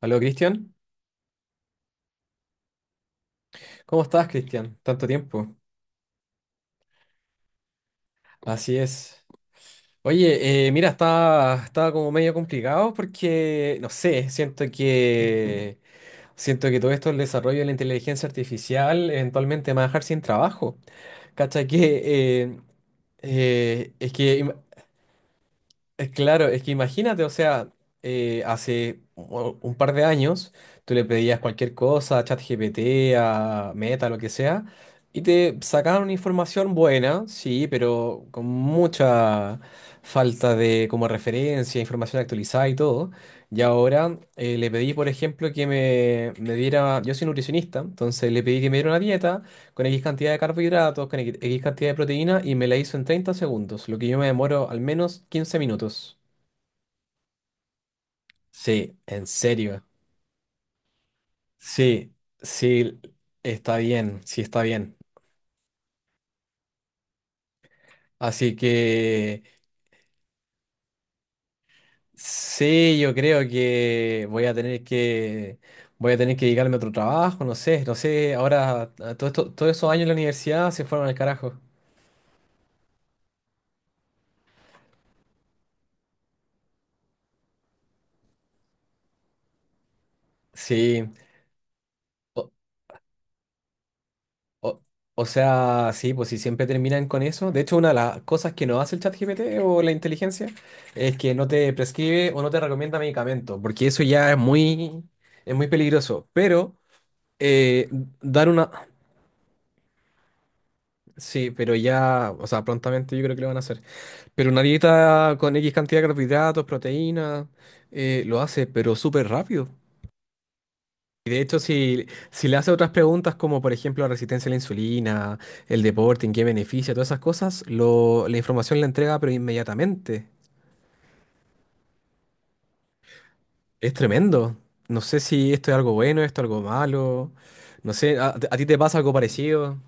Hola Cristian. ¿Cómo estás, Cristian? Tanto tiempo. Así es. Oye, mira, está como medio complicado porque, no sé, siento que todo esto, el desarrollo de la inteligencia artificial, eventualmente me va a dejar sin trabajo. Cacha que, es que Claro, es que imagínate, o sea, hace un par de años tú le pedías cualquier cosa a ChatGPT, a Meta, lo que sea, y te sacaban una información buena, sí, pero con mucha falta de como referencia, información actualizada y todo. Y ahora le pedí, por ejemplo, que me diera, yo soy nutricionista, entonces le pedí que me diera una dieta con X cantidad de carbohidratos, con X cantidad de proteína y me la hizo en 30 segundos, lo que yo me demoro al menos 15 minutos. Sí, en serio. Sí, sí, está bien, sí está bien. Así que sí, yo creo que voy a tener que dedicarme a otro trabajo, no sé, no sé, ahora a todos esos años en la universidad se fueron al carajo. Sí. O, o sea, sí, pues si siempre terminan con eso. De hecho, una de las cosas que no hace el ChatGPT o la inteligencia es que no te prescribe o no te recomienda medicamentos, porque eso es muy peligroso. Pero eh, dar una... Sí, pero ya, o sea, prontamente yo creo que lo van a hacer. Pero una dieta con X cantidad de carbohidratos, proteínas, lo hace, pero súper rápido. Y de hecho, si le hace otras preguntas como por ejemplo la resistencia a la insulina, el deporte, en qué beneficia, todas esas cosas, la información la entrega pero inmediatamente. Es tremendo. No sé si esto es algo bueno, esto es algo malo. No sé, a ti te pasa algo parecido?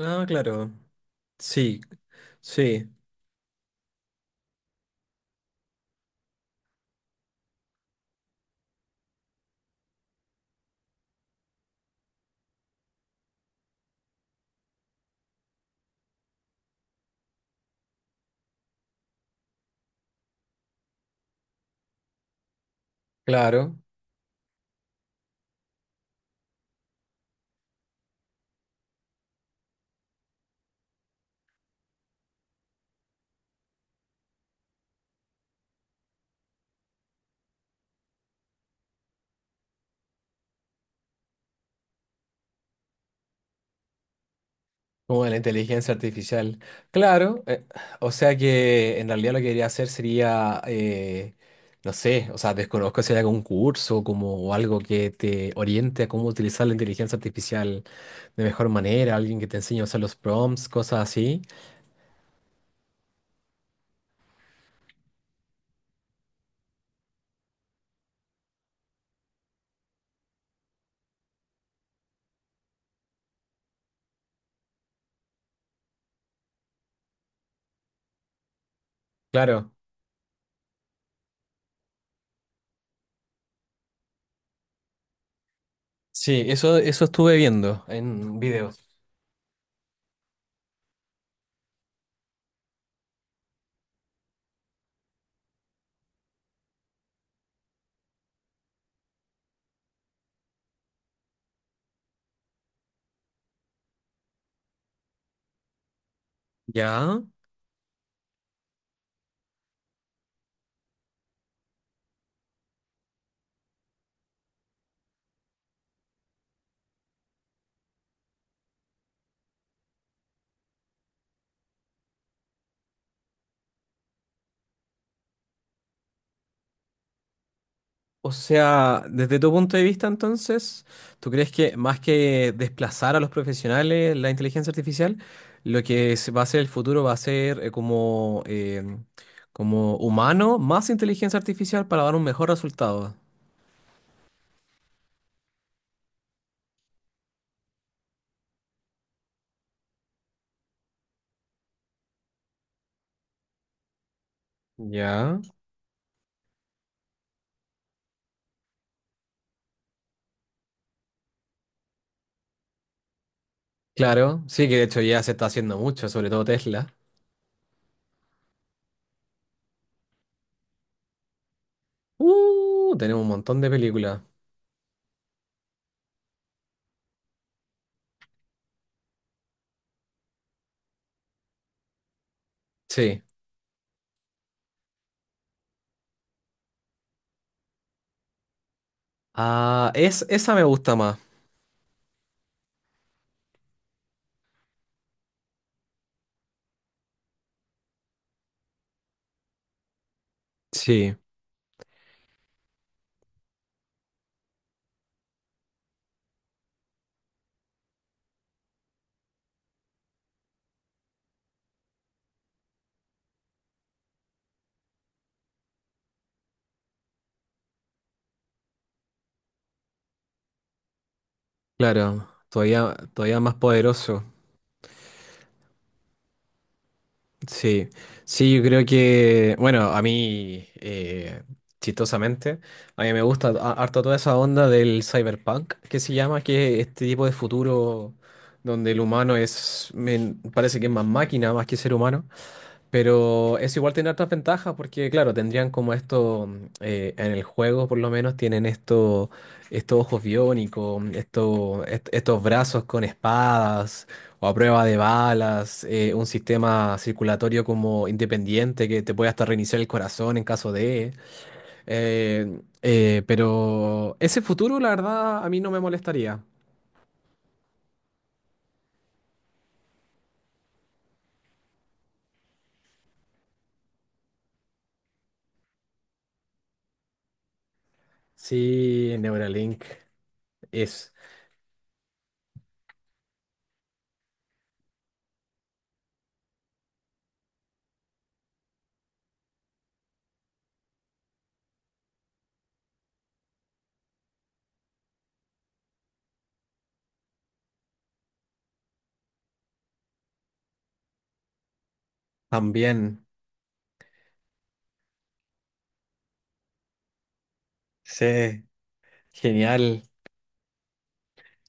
Ah, claro. Sí, sí, claro. Como de la inteligencia artificial. Claro, o sea que en realidad lo que quería hacer sería, no sé, o sea, desconozco si hay algún curso o algo que te oriente a cómo utilizar la inteligencia artificial de mejor manera, alguien que te enseñe a usar los prompts, cosas así. Claro, sí, eso estuve viendo en videos. ¿Ya? O sea, desde tu punto de vista, entonces, ¿tú crees que más que desplazar a los profesionales la inteligencia artificial, lo que se va a ser el futuro va a ser como como humano más inteligencia artificial para dar un mejor resultado? Ya. Claro, sí que de hecho ya se está haciendo mucho, sobre todo Tesla. Tenemos un montón de películas. Sí. Ah, esa me gusta más. Sí, claro. Todavía, todavía más poderoso. Sí, sí, yo creo que, bueno, a mí, chistosamente, a mí me gusta harto toda esa onda del cyberpunk, que se llama, que es este tipo de futuro donde el humano parece que es más máquina, más que ser humano, pero eso igual tiene otras ventajas porque, claro, tendrían como esto, en el juego por lo menos tienen esto, estos ojos biónicos, estos brazos con espadas o a prueba de balas, un sistema circulatorio como independiente que te puede hasta reiniciar el corazón en caso de... pero ese futuro, la verdad, a mí no me molestaría. Sí, Neuralink es también, sí, genial.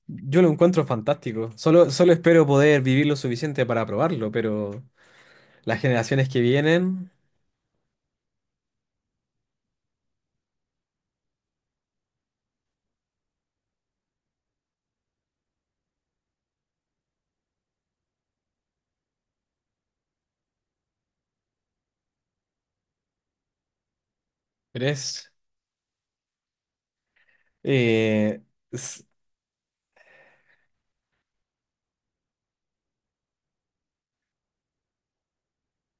Yo lo encuentro fantástico. Solo espero poder vivir lo suficiente para probarlo, pero las generaciones que vienen, ¿crees? Eh,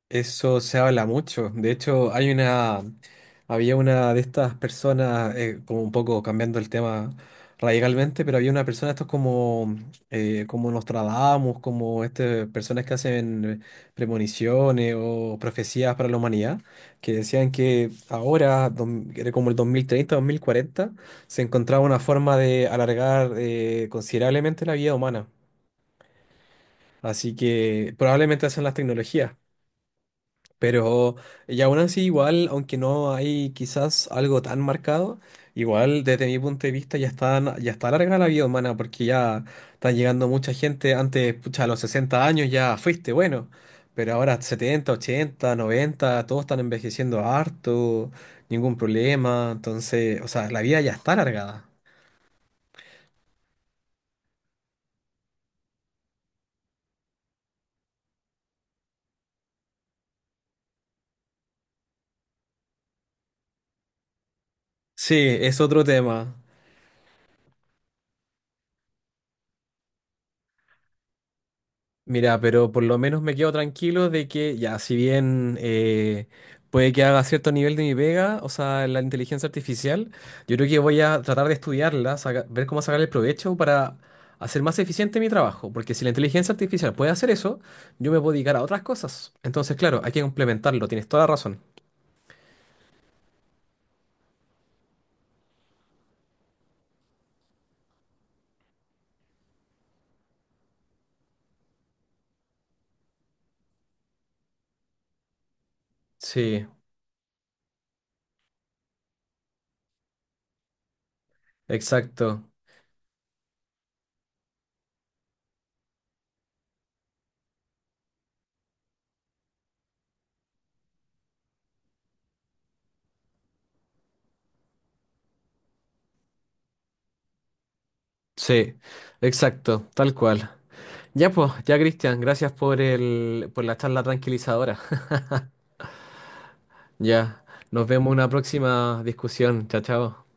Eso se habla mucho. De hecho, había una de estas personas, como un poco cambiando el tema radicalmente, pero había una persona, estos como como Nostradamus, como este, personas que hacen premoniciones o profecías para la humanidad, que decían que ahora, era como el 2030, 2040, se encontraba una forma de alargar, considerablemente la vida humana. Así que probablemente hacen las tecnologías. Pero y aún así, igual, aunque no hay quizás algo tan marcado, igual desde mi punto de vista ya está larga la vida humana porque ya está llegando mucha gente. Antes, pucha, a los 60 años ya fuiste bueno, pero ahora 70, 80, 90 todos están envejeciendo harto, ningún problema. Entonces, o sea, la vida ya está alargada. Sí, es otro tema. Mira, pero por lo menos me quedo tranquilo de que ya, si bien puede que haga cierto nivel de mi pega, o sea, la inteligencia artificial, yo creo que voy a tratar de estudiarla, ver cómo sacarle el provecho para hacer más eficiente mi trabajo, porque si la inteligencia artificial puede hacer eso, yo me puedo dedicar a otras cosas. Entonces, claro, hay que complementarlo, tienes toda la razón. Sí, exacto. Sí, exacto, tal cual. Ya pues, ya Cristian, gracias por por la charla tranquilizadora. Ya, nos vemos en una próxima discusión. Chao, chao.